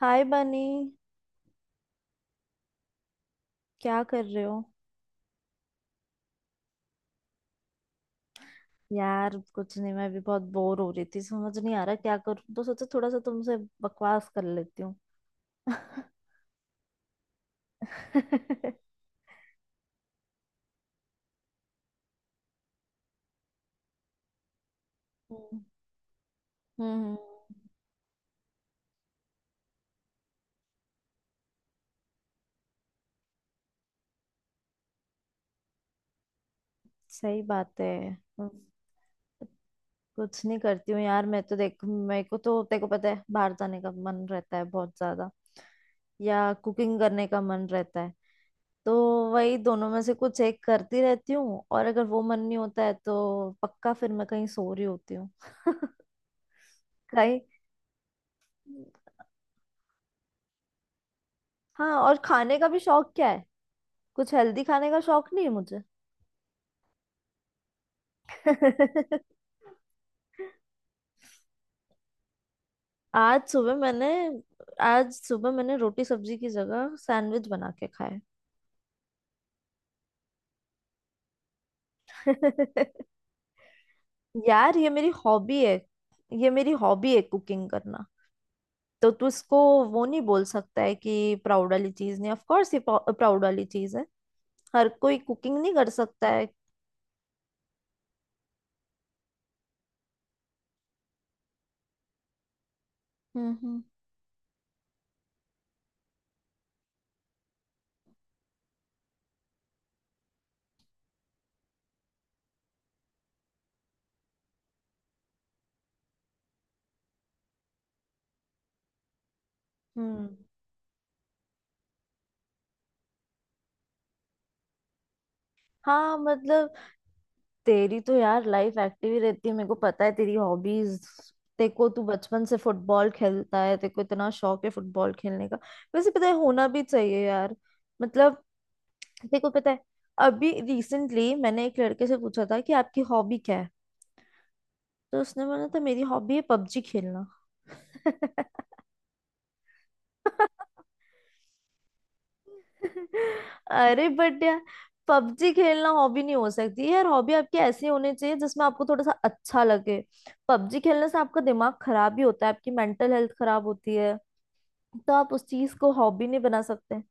हाय Bunny. क्या कर रहे हो? यार कुछ नहीं, मैं भी बहुत बोर हो रही थी, समझ नहीं आ रहा क्या करूं, तो सोचा थोड़ा सा तुमसे बकवास कर लेती हूँ। हम्म। हम्म, सही बात है। कुछ नहीं करती हूँ यार, मैं तो, देख मेरे को तो तेरे को पता है बाहर जाने का मन रहता है बहुत ज्यादा, या कुकिंग करने का मन रहता है। तो वही दोनों में से कुछ एक करती रहती हूँ, और अगर वो मन नहीं होता है तो पक्का फिर मैं कहीं सो रही होती हूँ। कहीं। हाँ, और खाने का भी शौक क्या है, कुछ हेल्दी खाने का शौक नहीं है मुझे। आज सुबह मैंने आज सुबह मैंने रोटी सब्जी की जगह सैंडविच बना के खाया। यार ये मेरी हॉबी है, ये मेरी हॉबी है, कुकिंग करना। तो तू इसको वो नहीं बोल सकता है कि प्राउड वाली चीज नहीं, ऑफ कोर्स ये प्राउड वाली चीज है। हर कोई कुकिंग नहीं कर सकता है। हम्म। हम्म। हम्म। हाँ मतलब, तेरी तो यार लाइफ एक्टिव ही रहती है, मेरे को पता है तेरी हॉबीज। तेरे को, तू बचपन से फुटबॉल खेलता है, तेरे को इतना शौक है फुटबॉल खेलने का। वैसे पता है होना भी चाहिए यार। मतलब तेरे को पता है अभी रिसेंटली मैंने एक लड़के से पूछा था कि आपकी हॉबी क्या है। तो उसने बोला था मेरी हॉबी है पबजी खेलना। अरे बट यार, पबजी खेलना हॉबी नहीं हो सकती यार, हॉबी आपकी ऐसी होनी चाहिए जिसमें आपको थोड़ा सा अच्छा लगे। पबजी खेलने से आपका दिमाग खराब भी होता है, आपकी मेंटल हेल्थ खराब होती है। तो आप उस चीज को हॉबी नहीं बना सकते।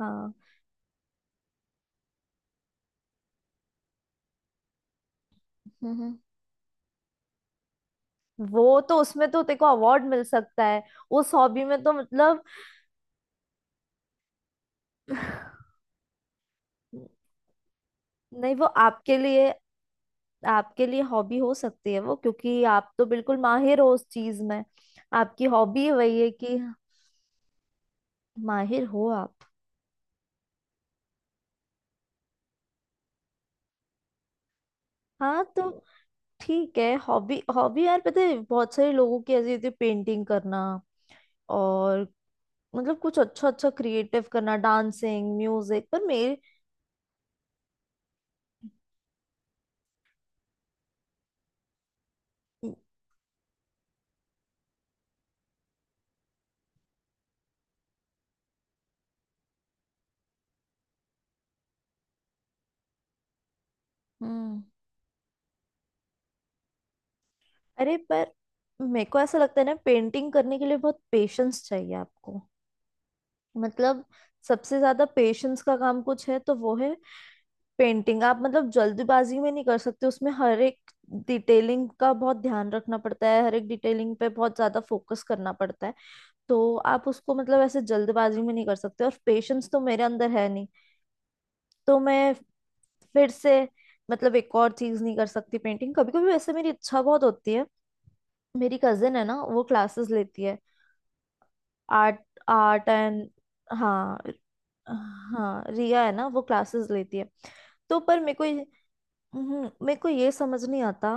हाँ। हम्म। वो तो उसमें तो तेको अवार्ड मिल सकता है। उस हॉबी में तो मतलब। नहीं, वो आपके लिए हॉबी हो सकती है वो, क्योंकि आप तो बिल्कुल माहिर हो उस चीज में। आपकी हॉबी वही है कि माहिर हो आप। हाँ तो ठीक है, हॉबी हॉबी यार, पता है बहुत सारे लोगों की ऐसी होती है, पेंटिंग करना और, मतलब कुछ अच्छा अच्छा क्रिएटिव करना, डांसिंग, म्यूजिक, पर मेरे। हम्म। अरे पर मेरे को ऐसा लगता है ना, पेंटिंग करने के लिए बहुत पेशेंस चाहिए आपको। मतलब सबसे ज्यादा पेशेंस का काम कुछ है तो वो है पेंटिंग। आप मतलब जल्दबाजी में नहीं कर सकते, उसमें हर एक डिटेलिंग का बहुत ध्यान रखना पड़ता है, हर एक डिटेलिंग पे बहुत ज्यादा फोकस करना पड़ता है। तो आप उसको मतलब ऐसे जल्दबाजी में नहीं कर सकते, और पेशेंस तो मेरे अंदर है नहीं। तो मैं, फिर से, मतलब एक और चीज नहीं कर सकती, पेंटिंग। कभी कभी वैसे मेरी इच्छा बहुत होती है। मेरी कजिन है ना वो क्लासेस लेती है, आर्ट, आर्ट एंड। हाँ। हाँ रिया है ना वो क्लासेस लेती है। तो पर मेरे को ये-। मेरे को ये समझ नहीं आता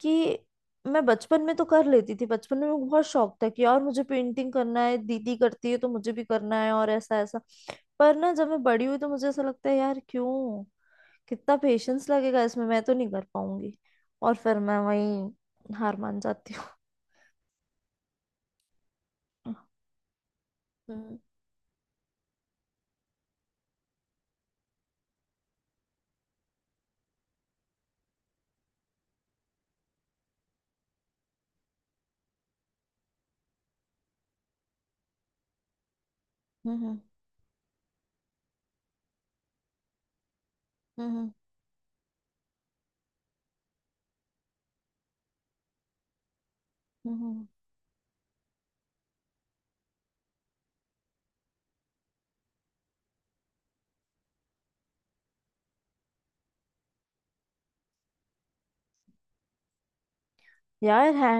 कि मैं बचपन में तो कर लेती थी, बचपन में मेरे को बहुत शौक था कि यार मुझे पेंटिंग करना है दीदी करती है तो मुझे भी करना है, और ऐसा ऐसा। पर ना जब मैं बड़ी हुई तो मुझे ऐसा लगता है यार, क्यों, कितना पेशेंस लगेगा इसमें, मैं तो नहीं कर पाऊंगी। और फिर मैं वही हार मान जाती हूँ। हम्म। हम्म। हम्म। हम्म। यार है।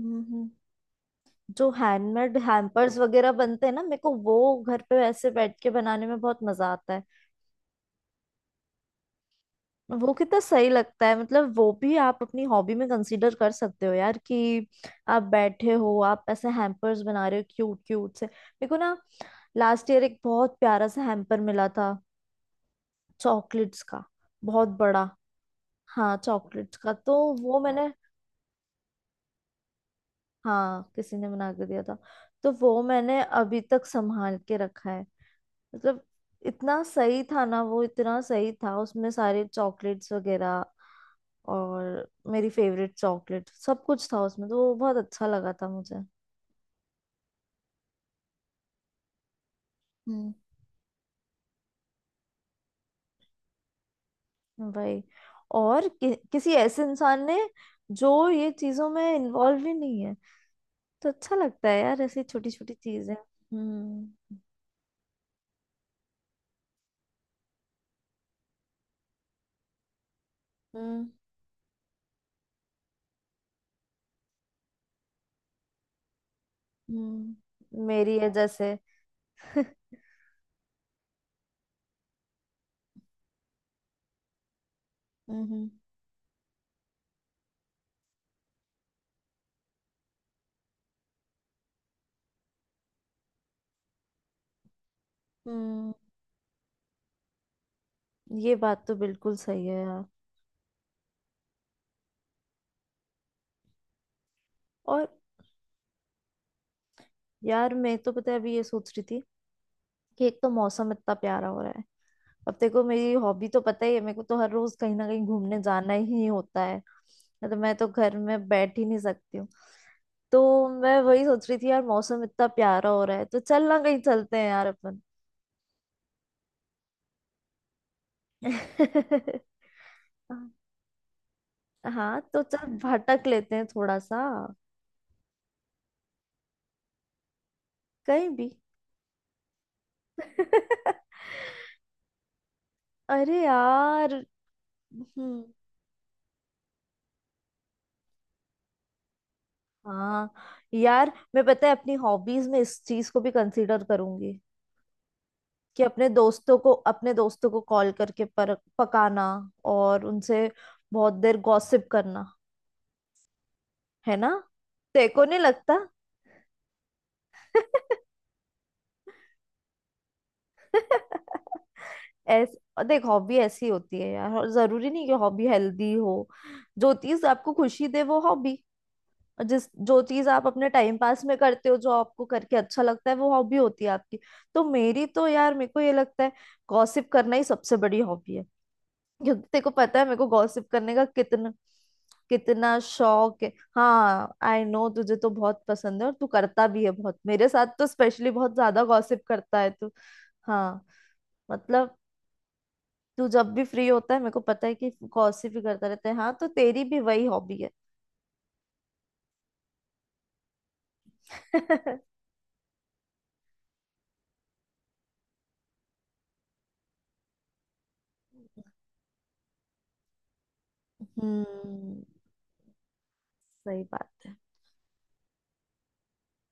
हम्म। जो हैंडमेड हैम्पर्स वगैरह बनते हैं ना, मेरे को वो घर पे वैसे बैठ के बनाने में बहुत मजा आता है। वो कितना सही लगता है, मतलब वो भी आप अपनी हॉबी में कंसीडर कर सकते हो यार, कि आप बैठे हो, आप ऐसे हैम्पर्स बना रहे हो क्यूट क्यूट से। मेरे को ना, लास्ट ईयर एक बहुत प्यारा सा हैम्पर मिला था, चॉकलेट्स का, बहुत बड़ा। हाँ चॉकलेट्स का। तो वो मैंने। हाँ, किसी ने बना के दिया था। तो वो मैंने अभी तक संभाल के रखा है। मतलब इतना सही था ना वो, इतना सही था, उसमें सारे चॉकलेट्स वगैरह, और मेरी फेवरेट चॉकलेट सब कुछ था उसमें, तो वो बहुत अच्छा लगा था मुझे। हम्म। भाई। और किसी ऐसे इंसान ने जो ये चीजों में इन्वॉल्व ही नहीं है, तो अच्छा लगता है यार ऐसी छोटी छोटी चीजें। हम्म। हम्म। हम्म। मेरी है जैसे। हम्म। हम्म। ये बात तो बिल्कुल सही है यार। और यार मैं, तो पता है, अभी ये सोच रही थी कि एक तो मौसम इतना प्यारा हो रहा है, अब देखो मेरी हॉबी तो पता ही है, मेरे को तो हर रोज कहीं ना कहीं घूमने जाना ही होता है। तो मैं तो घर में बैठ ही नहीं सकती हूँ। तो मैं वही सोच रही थी यार, मौसम इतना प्यारा हो रहा है, तो चल ना कहीं चलते हैं यार अपन। हाँ तो चल भटक लेते हैं थोड़ा सा। कहीं भी। अरे यार। हम्म। हाँ यार मैं, पता है, अपनी हॉबीज में इस चीज को भी कंसीडर करूंगी कि अपने दोस्तों को कॉल करके पकाना, और उनसे बहुत देर गॉसिप करना, है ना। तेरे को नहीं लगता? ऐस देख, हॉबी ऐसी होती है यार, और जरूरी नहीं कि हॉबी हेल्दी हो। जो चीज आपको खुशी दे वो हॉबी। जिस जो चीज आप अपने टाइम पास में करते हो जो आपको करके अच्छा लगता है वो हॉबी होती है आपकी। तो मेरी तो यार मेरे को ये लगता है गॉसिप करना ही सबसे बड़ी हॉबी है, क्योंकि तेरे को पता है मेरे को गॉसिप करने का कितना कितना शौक है। हाँ आई नो, तुझे तो बहुत पसंद है और तू करता भी है बहुत, मेरे साथ तो स्पेशली बहुत ज्यादा गॉसिप करता है तू। हाँ मतलब, तू जब भी फ्री होता है मेरे को पता है कि गॉसिप ही करता रहता है। हाँ तो तेरी भी वही हॉबी है। हम्म। सही बात है।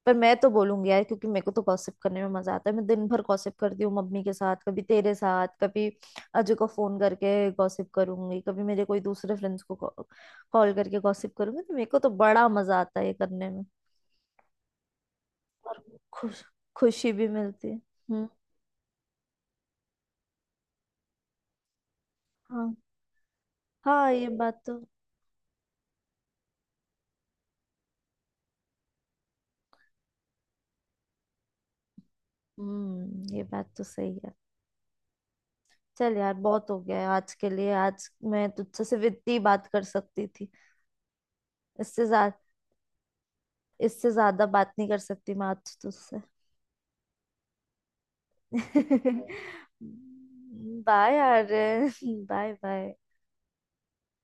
पर मैं तो बोलूंगी यार, क्योंकि मेरे को तो गॉसिप करने में मजा आता है, मैं दिन भर गॉसिप करती हूँ, मम्मी के साथ कभी, तेरे साथ कभी, अजय को फोन करके गॉसिप करूंगी कभी, मेरे कोई दूसरे फ्रेंड्स को कॉल करके गॉसिप करूंगी, तो मेरे को तो बड़ा मजा आता है ये करने में। और खुश खुशी भी मिलती है। हम्म। हाँ हाँ ये बात तो, हम्म, ये बात तो सही है। चल यार, बहुत हो गया है आज के लिए, आज मैं तुझसे सिर्फ इतनी बात कर सकती थी। इससे ज्यादा, इससे ज्यादा बात नहीं कर सकती मैं आज तुझसे। बाय आर्यन। Bye bye.